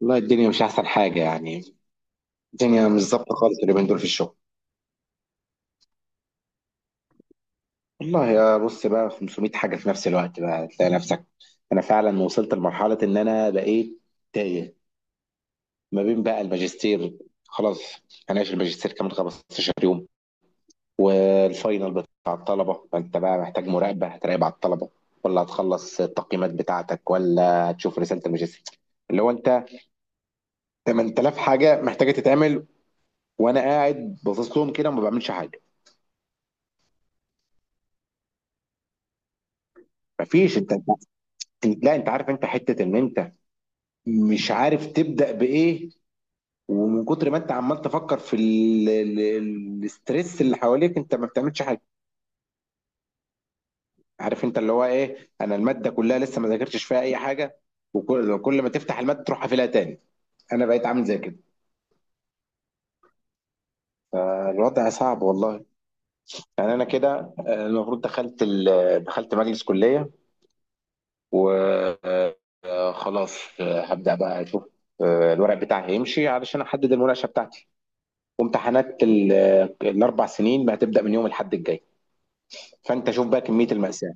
والله، الدنيا مش احسن حاجه يعني. الدنيا مش ظابطه خالص اليومين دول في الشغل. والله يا بص، بقى 500 حاجه في نفس الوقت، بقى تلاقي نفسك. انا فعلا وصلت لمرحله ان انا بقيت تايه ما بين بقى الماجستير، خلاص. هناقش الماجستير كمان 15 يوم، والفاينل بتاع الطلبه، فانت بقى محتاج مراقبه، هتراقب على الطلبه، ولا هتخلص التقييمات بتاعتك، ولا هتشوف رساله الماجستير، اللي هو انت 8000 حاجه محتاجه تتعمل، وانا قاعد باصص لهم كده وما بعملش حاجه. مفيش، انت، لا انت عارف، انت حته ان انت مش عارف تبدا بايه. ومن كتر ما انت عمال تفكر في الاسترس اللي حواليك انت ما بتعملش حاجه. عارف انت اللي هو ايه، انا الماده كلها لسه ما ذاكرتش فيها اي حاجه، وكل كل ما تفتح الماده تروح قافلها تاني. انا بقيت عامل زي كده. الوضع صعب والله. يعني انا كده المفروض دخلت مجلس كليه، وخلاص هبدا بقى اشوف. الورق بتاعي هيمشي علشان احدد المناقشه بتاعتي، وامتحانات الاربع سنين بقى هتبدا من يوم الاحد الجاي. فانت شوف بقى كميه الماساه.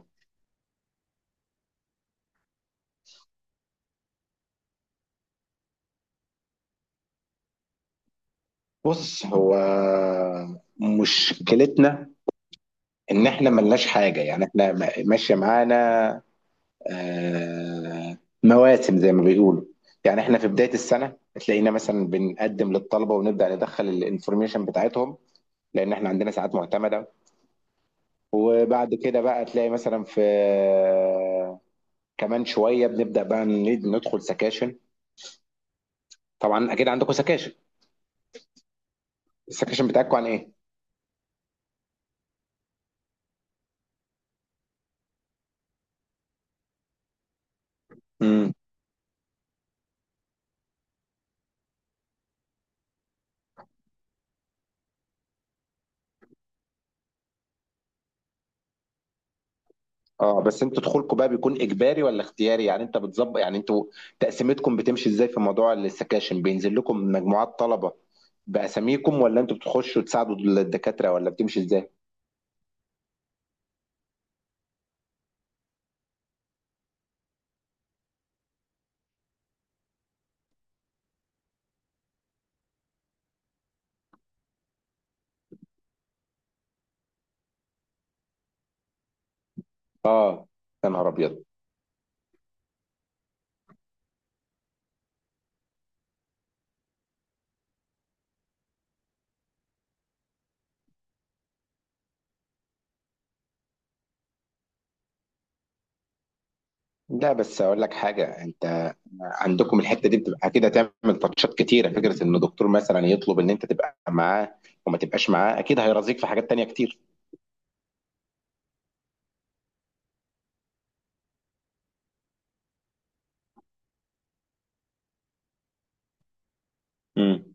بص، هو مشكلتنا ان احنا ملناش حاجه، يعني احنا ماشيه معانا مواسم زي ما بيقولوا. يعني احنا في بدايه السنه تلاقينا مثلا بنقدم للطلبه ونبدا ندخل الانفورميشن بتاعتهم، لان احنا عندنا ساعات معتمده. وبعد كده بقى تلاقي مثلا في كمان شويه بنبدا بقى ندخل سكاشن. طبعا اكيد عندكم سكاشن. السكشن بتاعكم عن ايه؟ امم. اه، بس انتوا دخولكم بقى بيكون اجباري ولا اختياري؟ يعني انت بتظبط، يعني انتوا تقسيمتكم بتمشي ازاي في موضوع السكاشن؟ بينزل لكم مجموعات طلبة باساميكم، ولا انتوا بتخشوا تساعدوا الدكاترة، ولا بتمشي ازاي؟ اه. يا نهار ابيض. لا، بس اقول لك حاجه، انت عندكم الحته دي بتبقى اكيد هتعمل تاتشات كتيره، فكره ان الدكتور مثلا يطلب ان انت تبقى معاه وما تبقاش معاه، اكيد هيرازيك في حاجات تانية كتير. امم.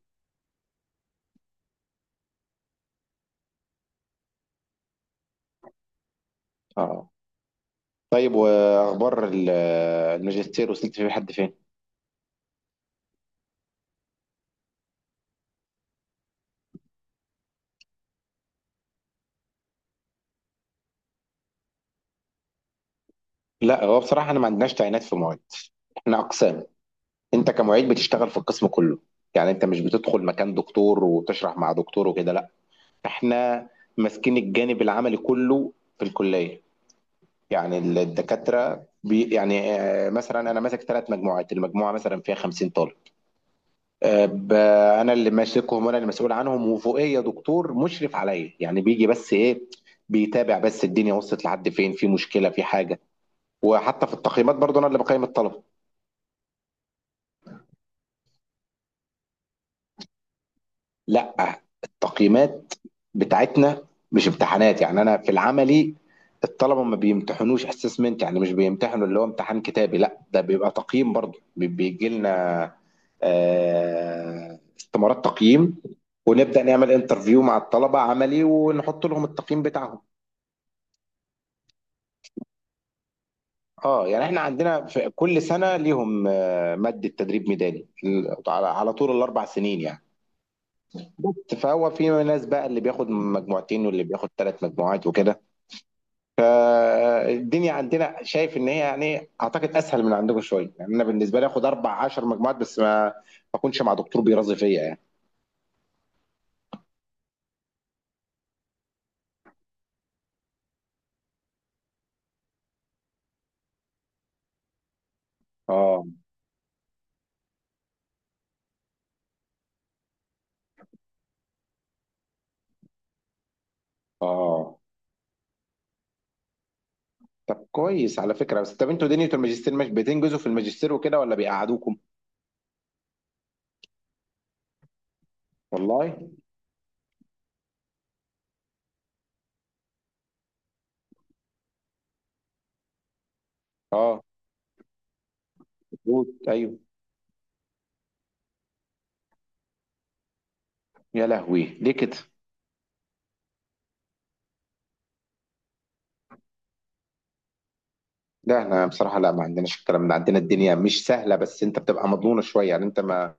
اه. طيب، واخبار الماجستير وصلت فيه لحد فين؟ لا، هو بصراحه احنا ما عندناش تعيينات في معيد. احنا اقسام. انت كمعيد بتشتغل في القسم كله، يعني انت مش بتدخل مكان دكتور وتشرح مع دكتور وكده، لا. احنا ماسكين الجانب العملي كله في الكليه. يعني الدكاتره يعني مثلا انا ماسك 3 مجموعات، المجموعه مثلا فيها 50 طالب. آه، ب- انا اللي ماسكهم وانا اللي مسؤول عنهم، وفوقيه دكتور مشرف عليا، يعني بيجي بس ايه، بيتابع بس الدنيا وصلت لحد فين، في مشكله، في حاجه. وحتى في التقييمات برضه انا اللي بقيم الطلبه. لا، التقييمات بتاعتنا مش امتحانات، يعني انا في العملي الطلبه ما بيمتحنوش اسسمنت، يعني مش بيمتحنوا اللي هو امتحان كتابي، لا، ده بيبقى تقييم برضه، بيجي لنا استمارات تقييم، ونبدأ نعمل انترفيو مع الطلبة عملي ونحط لهم التقييم بتاعهم. اه، يعني احنا عندنا في كل سنة ليهم مادة تدريب ميداني، على طول الأربع سنين يعني. بس فهو في ناس بقى اللي بياخد مجموعتين واللي بياخد 3 مجموعات وكده. فالدنيا عندنا شايف ان هي يعني اعتقد اسهل من عندكم شويه، يعني انا بالنسبه لي اخد 14 مجموعه بس ما اكونش مع دكتور بيرازي فيا يعني. اه اه. طب كويس على فكره. بس طب انتوا دنيا الماجستير مش بتنجزوا في الماجستير وكده، ولا بيقعدوكم؟ والله. اه. مظبوط، ايوه. يا لهوي، ليه كده؟ لا، احنا بصراحه لا، ما عندناش الكلام ده. عندنا الدنيا مش سهله بس انت بتبقى مضمونه شويه، يعني انت ما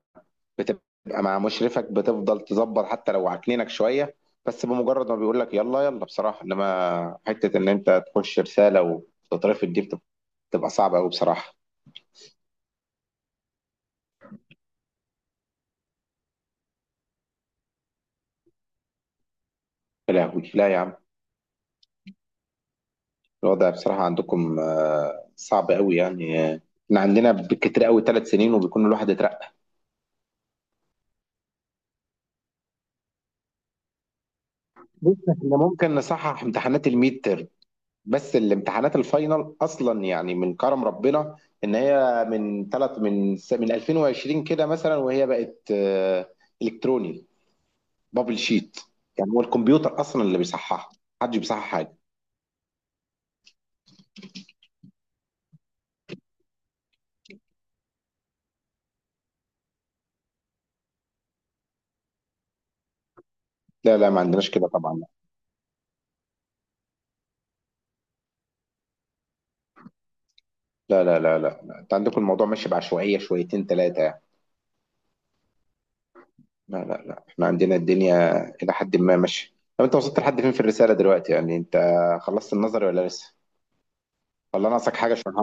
بتبقى مع مشرفك بتفضل تظبط حتى لو عكنينك شويه، بس بمجرد ما بيقول لك يلا يلا بصراحه، انما حته ان انت تخش رساله وتترفض دي بتبقى صعبه قوي بصراحه. يا لهوي، لا يا عم. الوضع بصراحه عندكم صعب قوي يعني، احنا عندنا بالكتير قوي 3 سنين وبيكون الواحد اترقى. بص، احنا ممكن نصحح امتحانات الميد، بس الامتحانات الفاينل اصلا، يعني من كرم ربنا ان هي من ثلاث من س- من 2020 كده مثلا، وهي بقت الكتروني، بابل شيت. يعني هو الكمبيوتر اصلا اللي بيصححها، محدش بيصحح حاجه. لا لا، ما عندناش كده طبعا. لا لا لا لا لا، انت عندكم الموضوع ماشي بعشوائيه شويتين ثلاثه يعني. لا لا لا، احنا عندنا الدنيا الى حد ما ماشيه. طب انت وصلت لحد فين في الرساله دلوقتي؟ يعني انت خلصت النظري ولا لسه، ولا ناقصك حاجه عشان؟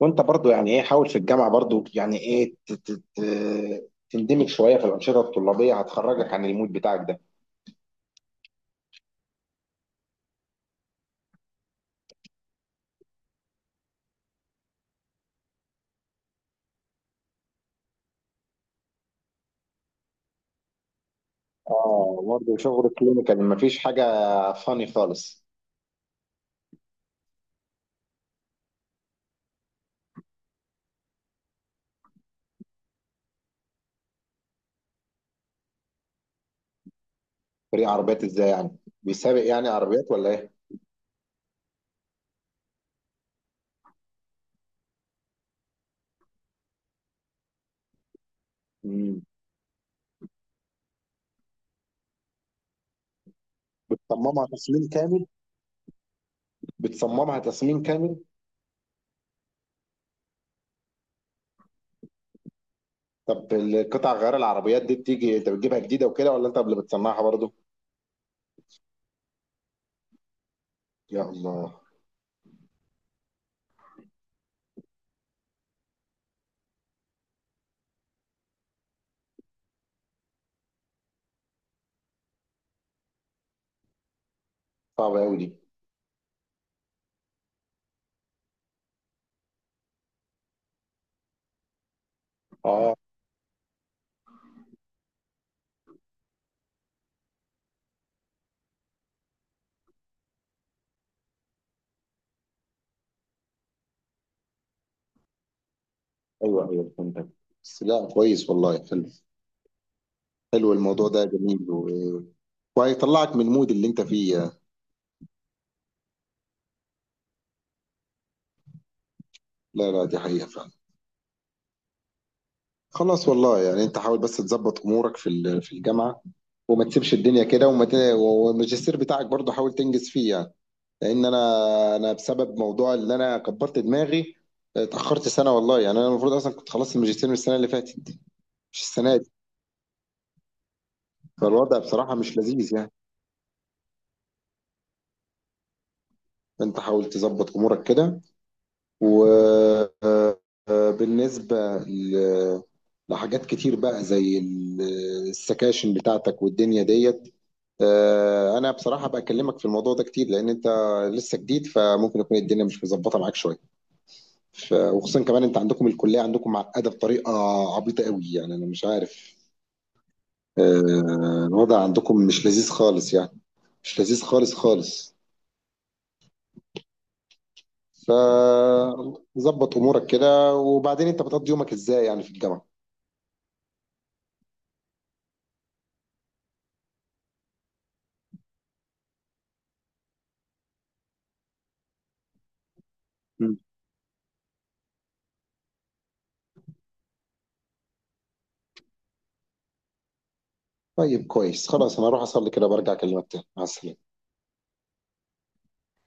وانت برضو يعني ايه، حاول في الجامعه برضو، يعني ايه تندمج شويه في الانشطه الطلابيه، هتخرجك عن المود بتاعك ده. اه، برضه شغل كلينيكال مفيش حاجه فاني خالص؟ فريق عربيات ازاي يعني؟ بيسابق يعني عربيات ولا ايه؟ مم. بتصممها تصميم كامل؟ بتصممها تصميم كامل؟ طب القطع غيار العربيات دي بتيجي، انت بتجيبها جديده وكده ولا انت اللي بتصنعها برضه؟ يا الله. صعبه قوي دي. اه. ايوه ايوه فهمتك. بس لا كويس والله، حلو. حلو، الموضوع ده جميل وهيطلعك من المود اللي انت فيه. لا لا، دي حقيقة فعلا. خلاص والله، يعني انت حاول بس تظبط امورك في الجامعة، وما تسيبش الدنيا كده، والماجستير بتاعك برضه حاول تنجز فيه يعني. لان انا بسبب موضوع اللي انا كبرت دماغي اتأخرت سنة والله. يعني انا المفروض اصلا كنت خلصت الماجستير من السنة اللي فاتت، مش السنة دي. فالوضع بصراحة مش لذيذ يعني. فانت حاول تظبط امورك كده. وبالنسبة لحاجات كتير بقى زي السكاشن بتاعتك والدنيا ديت، انا بصراحة بكلمك في الموضوع ده كتير لان انت لسه جديد، فممكن يكون الدنيا مش مظبطة معاك شوية. وخصوصا كمان انت عندكم الكلية عندكم معقدة بطريقة عبيطة قوي، يعني انا مش عارف. الوضع عندكم مش لذيذ خالص يعني، مش لذيذ خالص خالص. فظبط امورك كده. وبعدين انت بتقضي يومك ازاي يعني في الجامعة؟ طيب كويس، خلاص، انا اروح اصلي كده، برجع اكلمك تاني. مع السلامه.